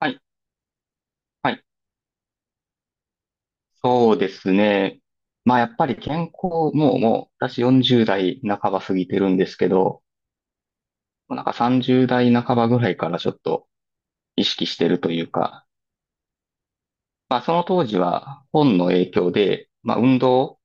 はい、はい、そうですね。まあやっぱり健康、もう私40代半ば過ぎてるんですけど、もうなんか30代半ばぐらいからちょっと意識してるというか、まあその当時は本の影響で、まあ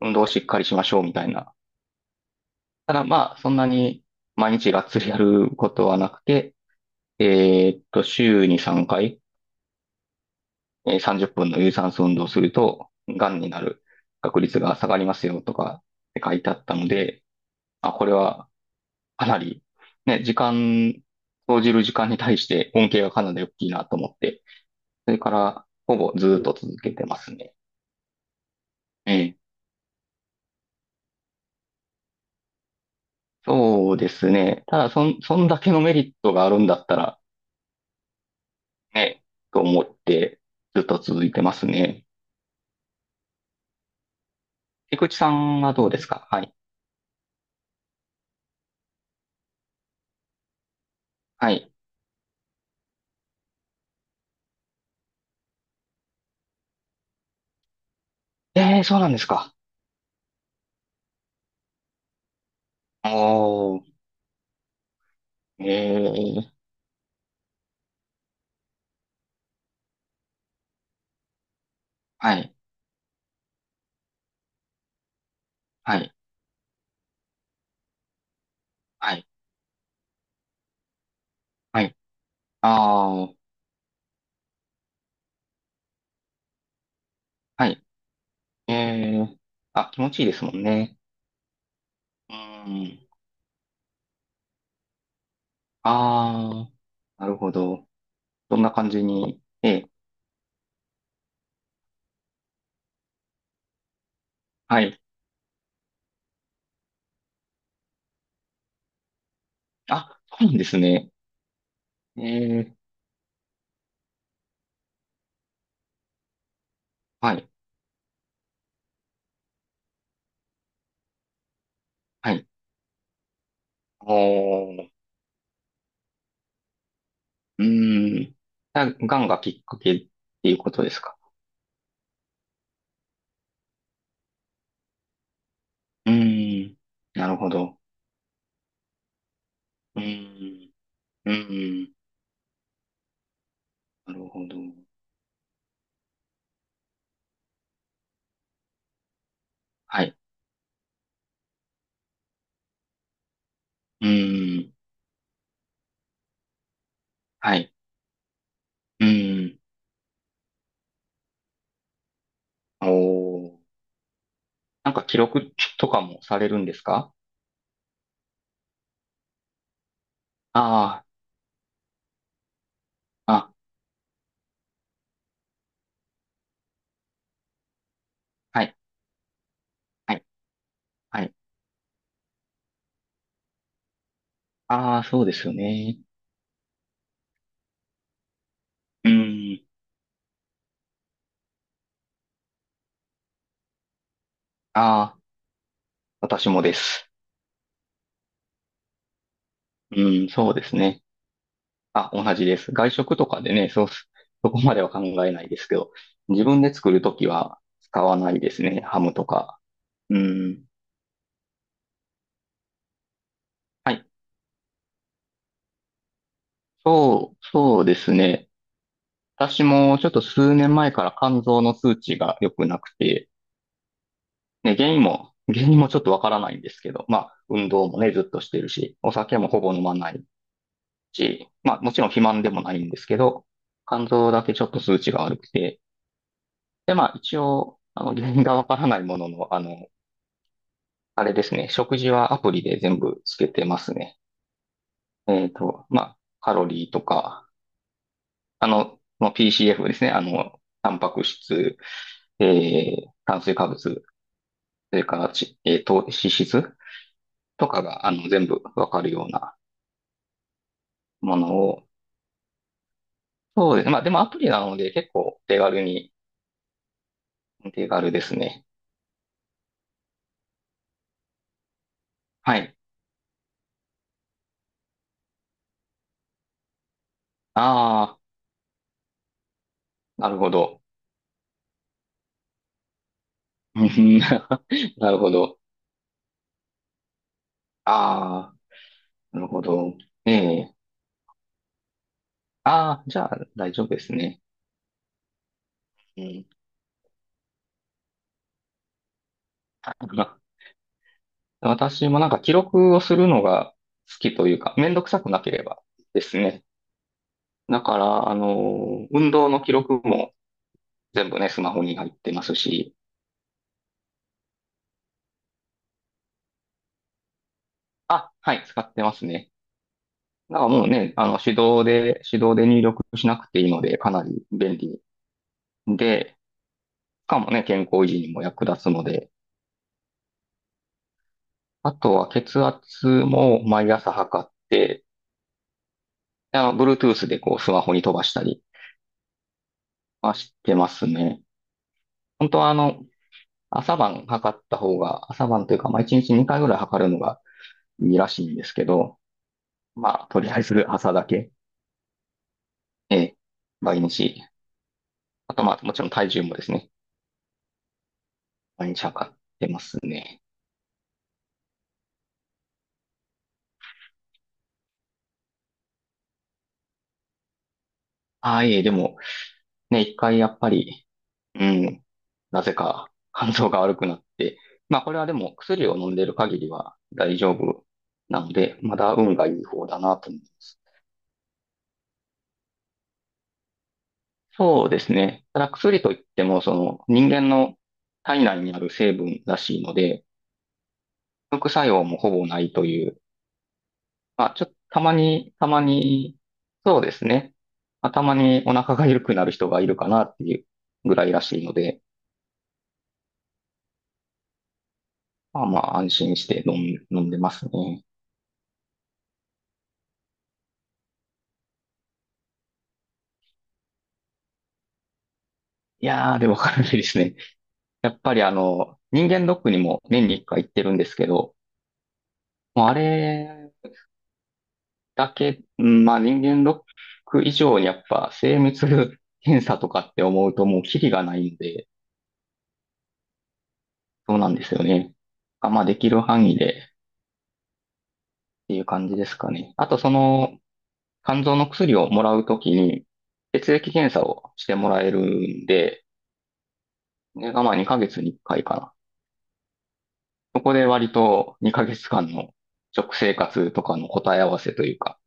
運動をしっかりしましょうみたいな。ただまあそんなに毎日がっつりやることはなくて、週に3回、30分の有酸素運動をすると、癌になる確率が下がりますよとかって書いてあったので、あ、これはかなり、ね、投じる時間に対して恩恵がかなり大きいなと思って、それからほぼずっと続けてますね。ええ。そうですね。ただ、そんだけのメリットがあるんだったら、ね、と思って、ずっと続いてますね。菊池さんはどうですか。はい。はい。ええ、そうなんですか。おー、ええ、はい、はい、はい、はい。ああ、はい。ええ、あ、気持ちいいですもんね。うん。ああ、なるほど。そんな感じに。ええ、はい。あ、そうなんですね。ええ、はい、はい。おー、うーん。がんがきっかけっていうことですか。うーん。なるほど。うーん。うーん。なるほど。はい。うーん。はい。うーん。おー。なんか記録とかもされるんですか。ああー、あ、はい、はい、はい。ああ、そうですよね。うーん。ああ、私もです。うん、そうですね。あ、同じです。外食とかでね、そうす、そこまでは考えないですけど、自分で作るときは使わないですね。ハムとか。うん。はい。そうですね。私もちょっと数年前から肝臓の数値が良くなくて、ね、原因も、原因もちょっとわからないんですけど、まあ、運動もね、ずっとしてるし、お酒もほぼ飲まないし、まあ、もちろん肥満でもないんですけど、肝臓だけちょっと数値が悪くて、で、まあ一応、あの、原因がわからないものの、あの、あれですね、食事はアプリで全部つけてますね。えっと、まあ、カロリーとか、あの、 PCF ですね、あの、タンパク質、炭水化物、それからち、えー、糖、脂質とかが、あの、全部わかるようなものを。そうですね。まあ、でもアプリなので結構手軽に、手軽ですね。はい。ああ、なるほど。うん。 なるほど。ああ。なるほど。ええ。ああ、じゃあ大丈夫ですね。うん。あ、私もなんか記録をするのが好きというか、めんどくさくなければですね。だから、あの、運動の記録も全部ね、スマホに入ってますし、あ、はい、使ってますね。だからもうね、あの、手動で入力しなくていいので、かなり便利で、しかもね、健康維持にも役立つので、あとは血圧も毎朝測って、あの、Bluetooth でこうスマホに飛ばしたりはしてますね。本当はあの、朝晩測った方が、朝晩というか、まあ、1日2回ぐらい測るのがいいらしいんですけど、まあ、とりあえず朝だけ、ええ、毎日。あとまあ、もちろん体重もですね、毎日測ってますね。ああ、いえ、でも、ね、一回やっぱり、うん、なぜか肝臓が悪くなって、まあこれはでも薬を飲んでる限りは大丈夫なので、まだ運がいい方だなと思います。そうですね。ただ薬といっても、その人間の体内にある成分らしいので、副作用もほぼないという。まあ、ちょっとたまに、そうですね。まあ、たまにお腹が緩くなる人がいるかなっていうぐらいらしいので、まあまあ安心して飲んでますね。いやー、でもかなりですね。やっぱりあの、人間ドックにも年に1回行ってるんですけど、もうあれだけ、まあ人間ドック以上にやっぱ精密検査とかって思うともうキリがないんで、そうなんですよね。あ、まあできる範囲でっていう感じですかね。あとその肝臓の薬をもらうときに血液検査をしてもらえるんで、ねがまあ2ヶ月に1回かいかな。そこで割と2ヶ月間の食生活とかの答え合わせというか、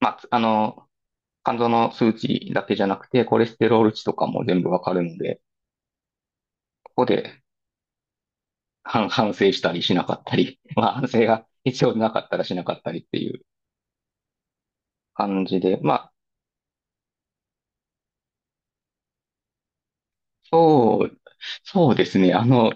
まあ、あの、肝臓の数値だけじゃなくて、コレステロール値とかも全部わかるので、ここで反省したりしなかったり、まあ反省が必要なかったらしなかったりっていう感じで、まあ、そう、そうですね。あの、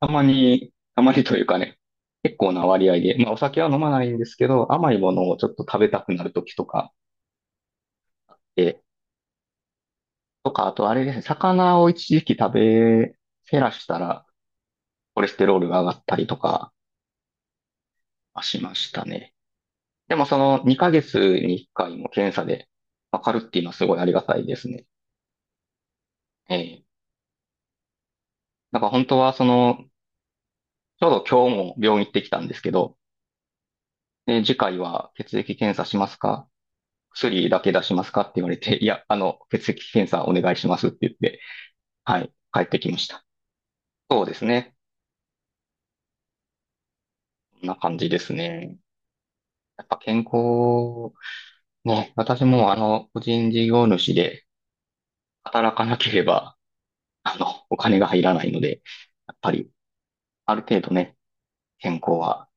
たまにというかね、結構な割合で、まあお酒は飲まないんですけど、甘いものをちょっと食べたくなるときとか、え、とか、あとあれですね、魚を一時期食べ、減らしたら、コレステロールが上がったりとかしましたね。でもその2ヶ月に1回も検査でわかるっていうのはすごいありがたいですね。ええ、だから本当はその、ちょうど今日も病院行ってきたんですけど、で次回は血液検査しますか薬だけ出しますかって言われて、いや、あの、血液検査お願いしますって言って、はい、帰ってきました。そうですね。こんな感じですね。やっぱ健康、ね、私もあの、個人事業主で働かなければ、あの、お金が入らないので、やっぱり、ある程度ね、健康は、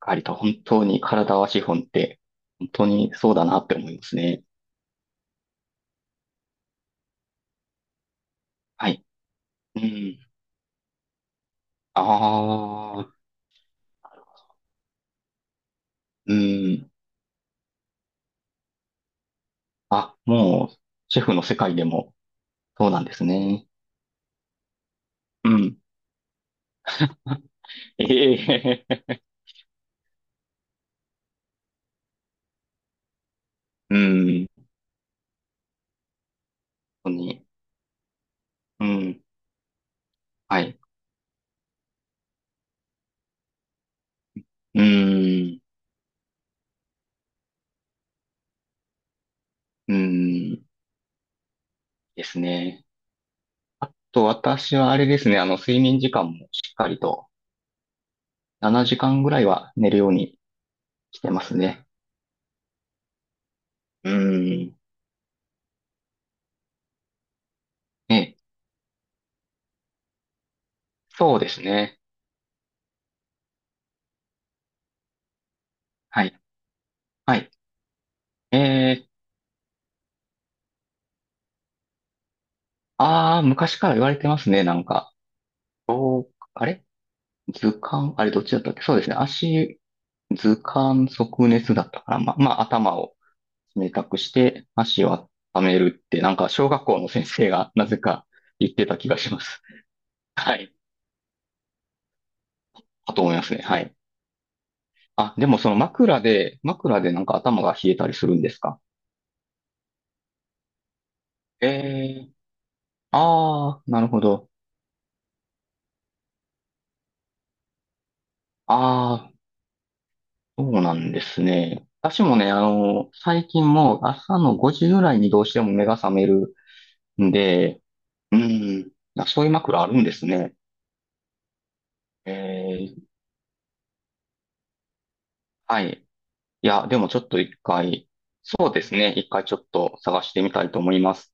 ありと本当に体は資本って、本当にそうだなって思いますね。はい。うん。ああ、うん。あ、もう、シェフの世界でも、そうなんですね。うん。ええ、うん。本当に。うん。はい。うん。うん。ですね。あと、私はあれですね。あの、睡眠時間もしっかりと、7時間ぐらいは寝るようにしてますね。うん。え、そうですね。はい。はい。えー、ああ、昔から言われてますね。なんか。そう、あれ図鑑、あれどっちだったっけ。そうですね。足、図鑑即熱だったから、まあ、まあ、頭を冷たくして、足を温めるって、なんか、小学校の先生が なぜか言ってた気がします。はい。だと思いますね。はい。あ、でもその枕でなんか頭が冷えたりするんですか。ええ、ああー、なるほど。ああ、そうなんですね。私もね、あの、最近もう朝の5時ぐらいにどうしても目が覚めるんで、うん。あ、そういう枕あるんですね。ええ、はい。いや、でもちょっと一回、そうですね。一回ちょっと探してみたいと思います。